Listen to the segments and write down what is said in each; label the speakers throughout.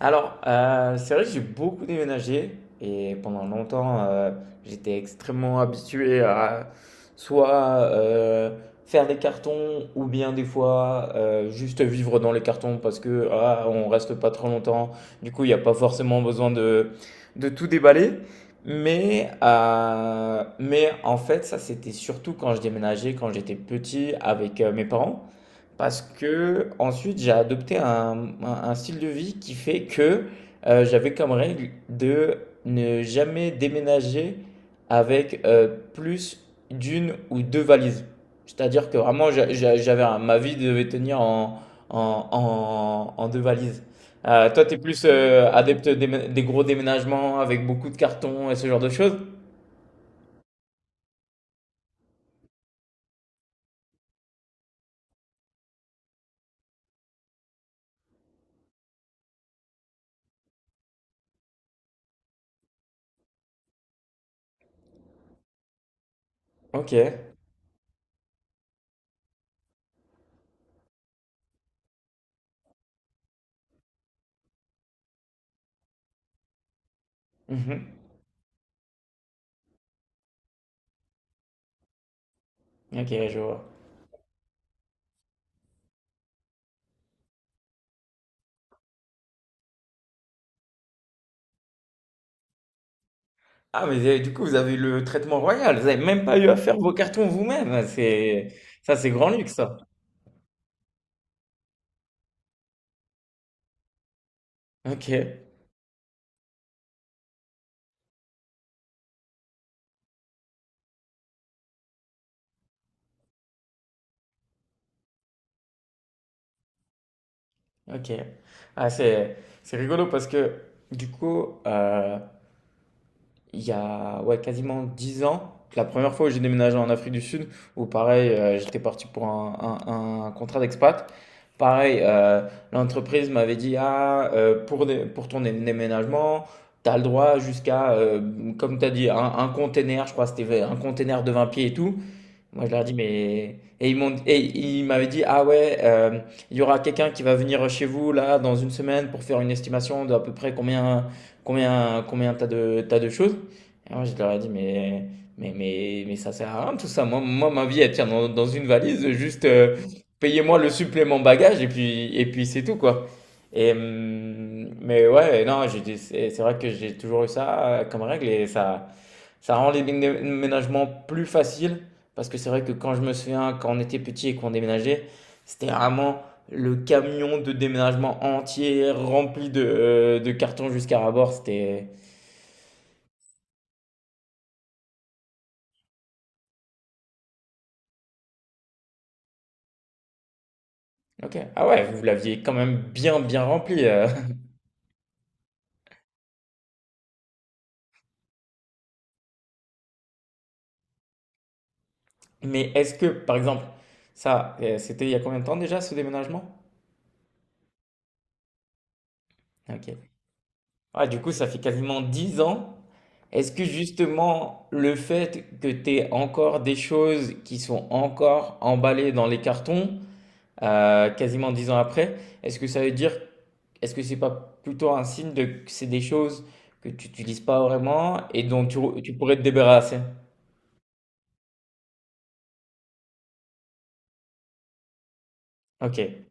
Speaker 1: Alors, c'est vrai que j'ai beaucoup déménagé et pendant longtemps, j'étais extrêmement habitué à soit euh, faire des cartons ou bien des fois juste vivre dans les cartons parce que ah, on reste pas trop longtemps. Du coup, il n'y a pas forcément besoin de tout déballer. Mais en fait, ça c'était surtout quand je déménageais, quand j'étais petit avec mes parents. Parce que ensuite j'ai adopté un style de vie qui fait que j'avais comme règle de ne jamais déménager avec plus d'une ou deux valises. C'est-à-dire que vraiment j'avais ma vie devait tenir en, en deux valises. Toi, t'es plus adepte des gros déménagements avec beaucoup de cartons et ce genre de choses? Ok. Mhm. Ok, je vois. Ah, mais eh, du coup, vous avez eu le traitement royal. Vous avez même pas eu à faire vos cartons vous-même. Ah, c'est ça, c'est grand luxe, ça. OK, OK. Ah, c'est rigolo parce que du coup, il y a ouais, quasiment 10 ans, la première fois où j'ai déménagé en Afrique du Sud, où pareil, j'étais parti pour un contrat d'expat. Pareil, l'entreprise m'avait dit, ah, pour ton déménagement, tu as le droit jusqu'à, comme tu as dit, un container, je crois que c'était un container de 20 pieds et tout. Moi, je leur ai dit, mais. Et ils m'ont, et ils m'avaient dit, ah ouais, il y aura quelqu'un qui va venir chez vous, là, dans une semaine, pour faire une estimation d'à peu près combien, combien t'as de choses. Et moi, je leur ai dit, mais ça sert à rien, tout ça. Moi, moi ma vie, elle tient dans une valise, juste payez-moi le supplément bagage, et puis c'est tout, quoi. Et, mais ouais, non, c'est vrai que j'ai toujours eu ça comme règle, et ça. Ça rend les déménagements plus faciles parce que c'est vrai que quand je me souviens, quand on était petit et qu'on déménageait, c'était vraiment le camion de déménagement entier rempli de cartons jusqu'à rabord. C'était. Ok. Ah ouais, vous l'aviez quand même bien, bien rempli. Mais est-ce que, par exemple, ça, c'était il y a combien de temps déjà ce déménagement? Ok. Ah, du coup, ça fait quasiment 10 ans. Est-ce que justement le fait que tu aies encore des choses qui sont encore emballées dans les cartons, quasiment 10 ans après, est-ce que ça veut dire, est-ce que c'est pas plutôt un signe de que c'est des choses que tu n'utilises pas vraiment et dont tu, tu pourrais te débarrasser? Ok.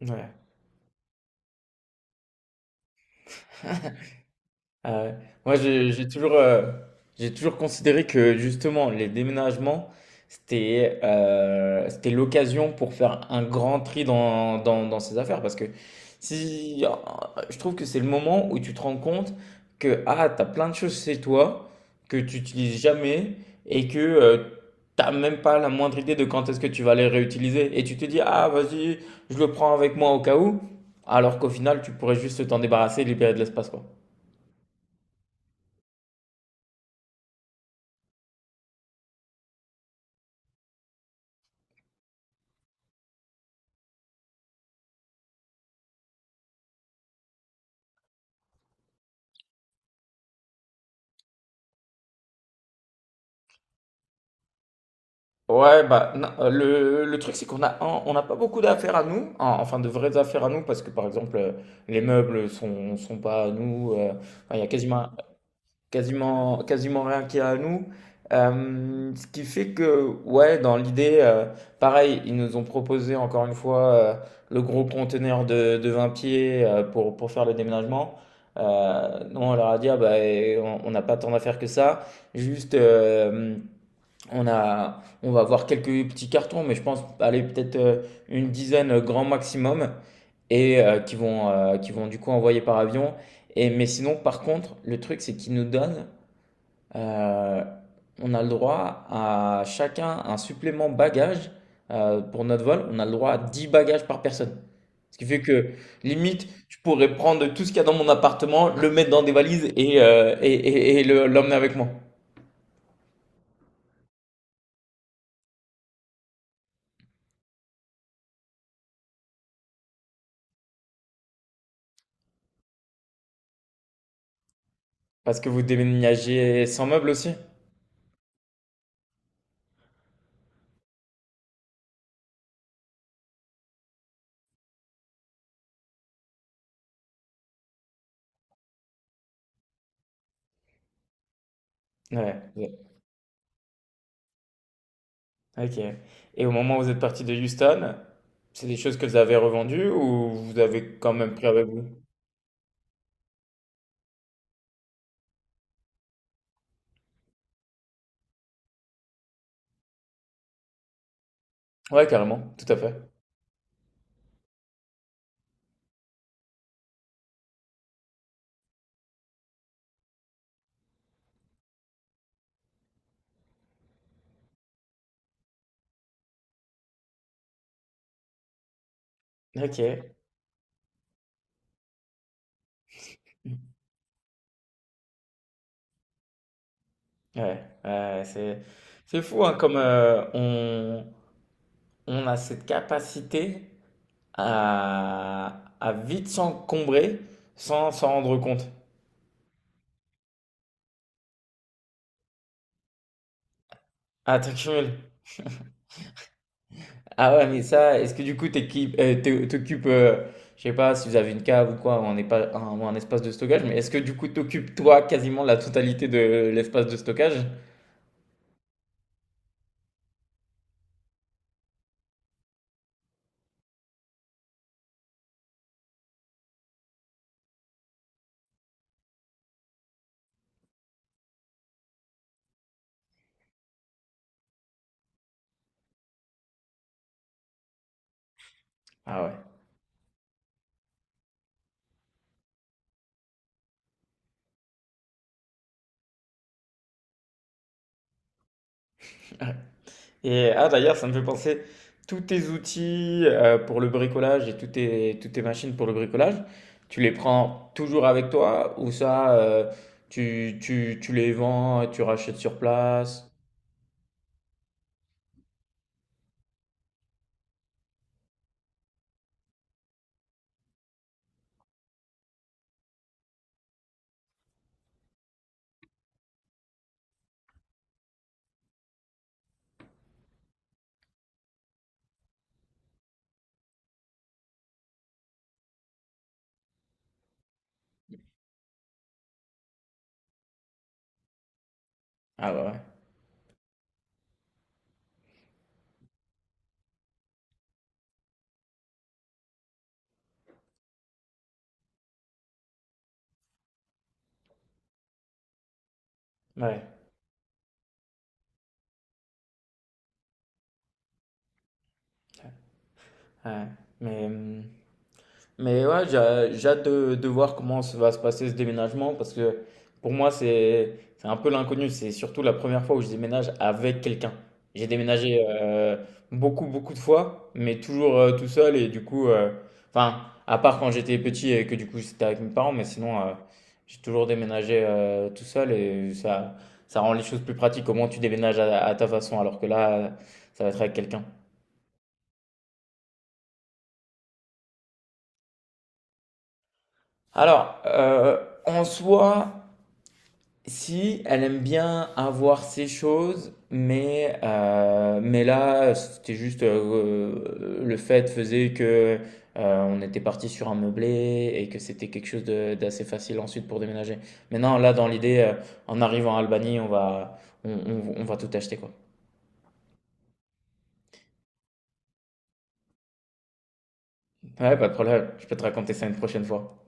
Speaker 1: Ouais. Ah ouais. Moi, j'ai toujours, j'ai toujours considéré que justement, les déménagements, c'était c'était l'occasion pour faire un grand tri dans ses affaires. Parce que si, je trouve que c'est le moment où tu te rends compte que ah, tu as plein de choses chez toi que tu n'utilises jamais et que tu n'as même pas la moindre idée de quand est-ce que tu vas les réutiliser. Et tu te dis, ah, vas-y, je le prends avec moi au cas où. Alors qu'au final, tu pourrais juste t'en débarrasser et libérer de l'espace, quoi. Ouais, bah, non, le truc, c'est qu'on on n'a pas beaucoup d'affaires à nous, enfin de vraies affaires à nous, parce que par exemple, les meubles sont pas à nous, enfin, il y a quasiment rien qui est à nous. Ce qui fait que, ouais, dans l'idée, pareil, ils nous ont proposé encore une fois le gros conteneur de 20 pieds pour faire le déménagement. Nous, on leur a dit, ah, bah, eh, on n'a pas tant d'affaires que ça, juste. On va avoir quelques petits cartons, mais je pense aller peut-être une dizaine grand maximum et qui vont du coup envoyer par avion. Et, mais sinon, par contre, le truc, c'est qu'ils nous donnent, euh, on a le droit à chacun un supplément bagage pour notre vol. On a le droit à 10 bagages par personne. Ce qui fait que, limite, je pourrais prendre tout ce qu'il y a dans mon appartement, le mettre dans des valises et l'emmener avec moi. Parce que vous déménagez sans meubles aussi? Ouais, ouais. Ok. Et au moment où vous êtes parti de Houston, c'est des choses que vous avez revendues ou vous avez quand même pris avec vous? Ouais, carrément, tout à fait. Ok, ouais, ouais, c'est fou hein, comme on a cette capacité à vite s'encombrer sans s'en rendre compte. Ah, t'accumules. Ah ouais, mais ça, est-ce que du coup, t'occupes, je sais pas si vous avez une cave ou quoi, ou ou un espace de stockage, mais est-ce que du coup, t'occupes toi quasiment la totalité de l'espace de stockage? Ah ouais. Et ah d'ailleurs, ça me fait penser, tous tes outils pour le bricolage et toutes tes machines pour le bricolage, tu les prends toujours avec toi ou ça, tu les vends, tu rachètes sur place? Ah ouais. Ouais. Ouais. Ouais. Mais, ouais, j'ai hâte de voir comment va se passer ce déménagement parce que pour moi, c'est un peu l'inconnu. C'est surtout la première fois où je déménage avec quelqu'un. J'ai déménagé beaucoup, beaucoup de fois, mais toujours tout seul. Et du coup, enfin, à part quand j'étais petit et que du coup c'était avec mes parents, mais sinon, j'ai toujours déménagé tout seul et ça rend les choses plus pratiques. Au moins, tu déménages à ta façon alors que là, ça va être avec quelqu'un. Alors, en soi. Si, elle aime bien avoir ses choses, mais là, c'était juste le fait faisait que on était parti sur un meublé et que c'était quelque chose d'assez facile ensuite pour déménager. Mais non, là, dans l'idée, en arrivant en Albanie, on va tout acheter, quoi. Ouais, pas de problème, je peux te raconter ça une prochaine fois.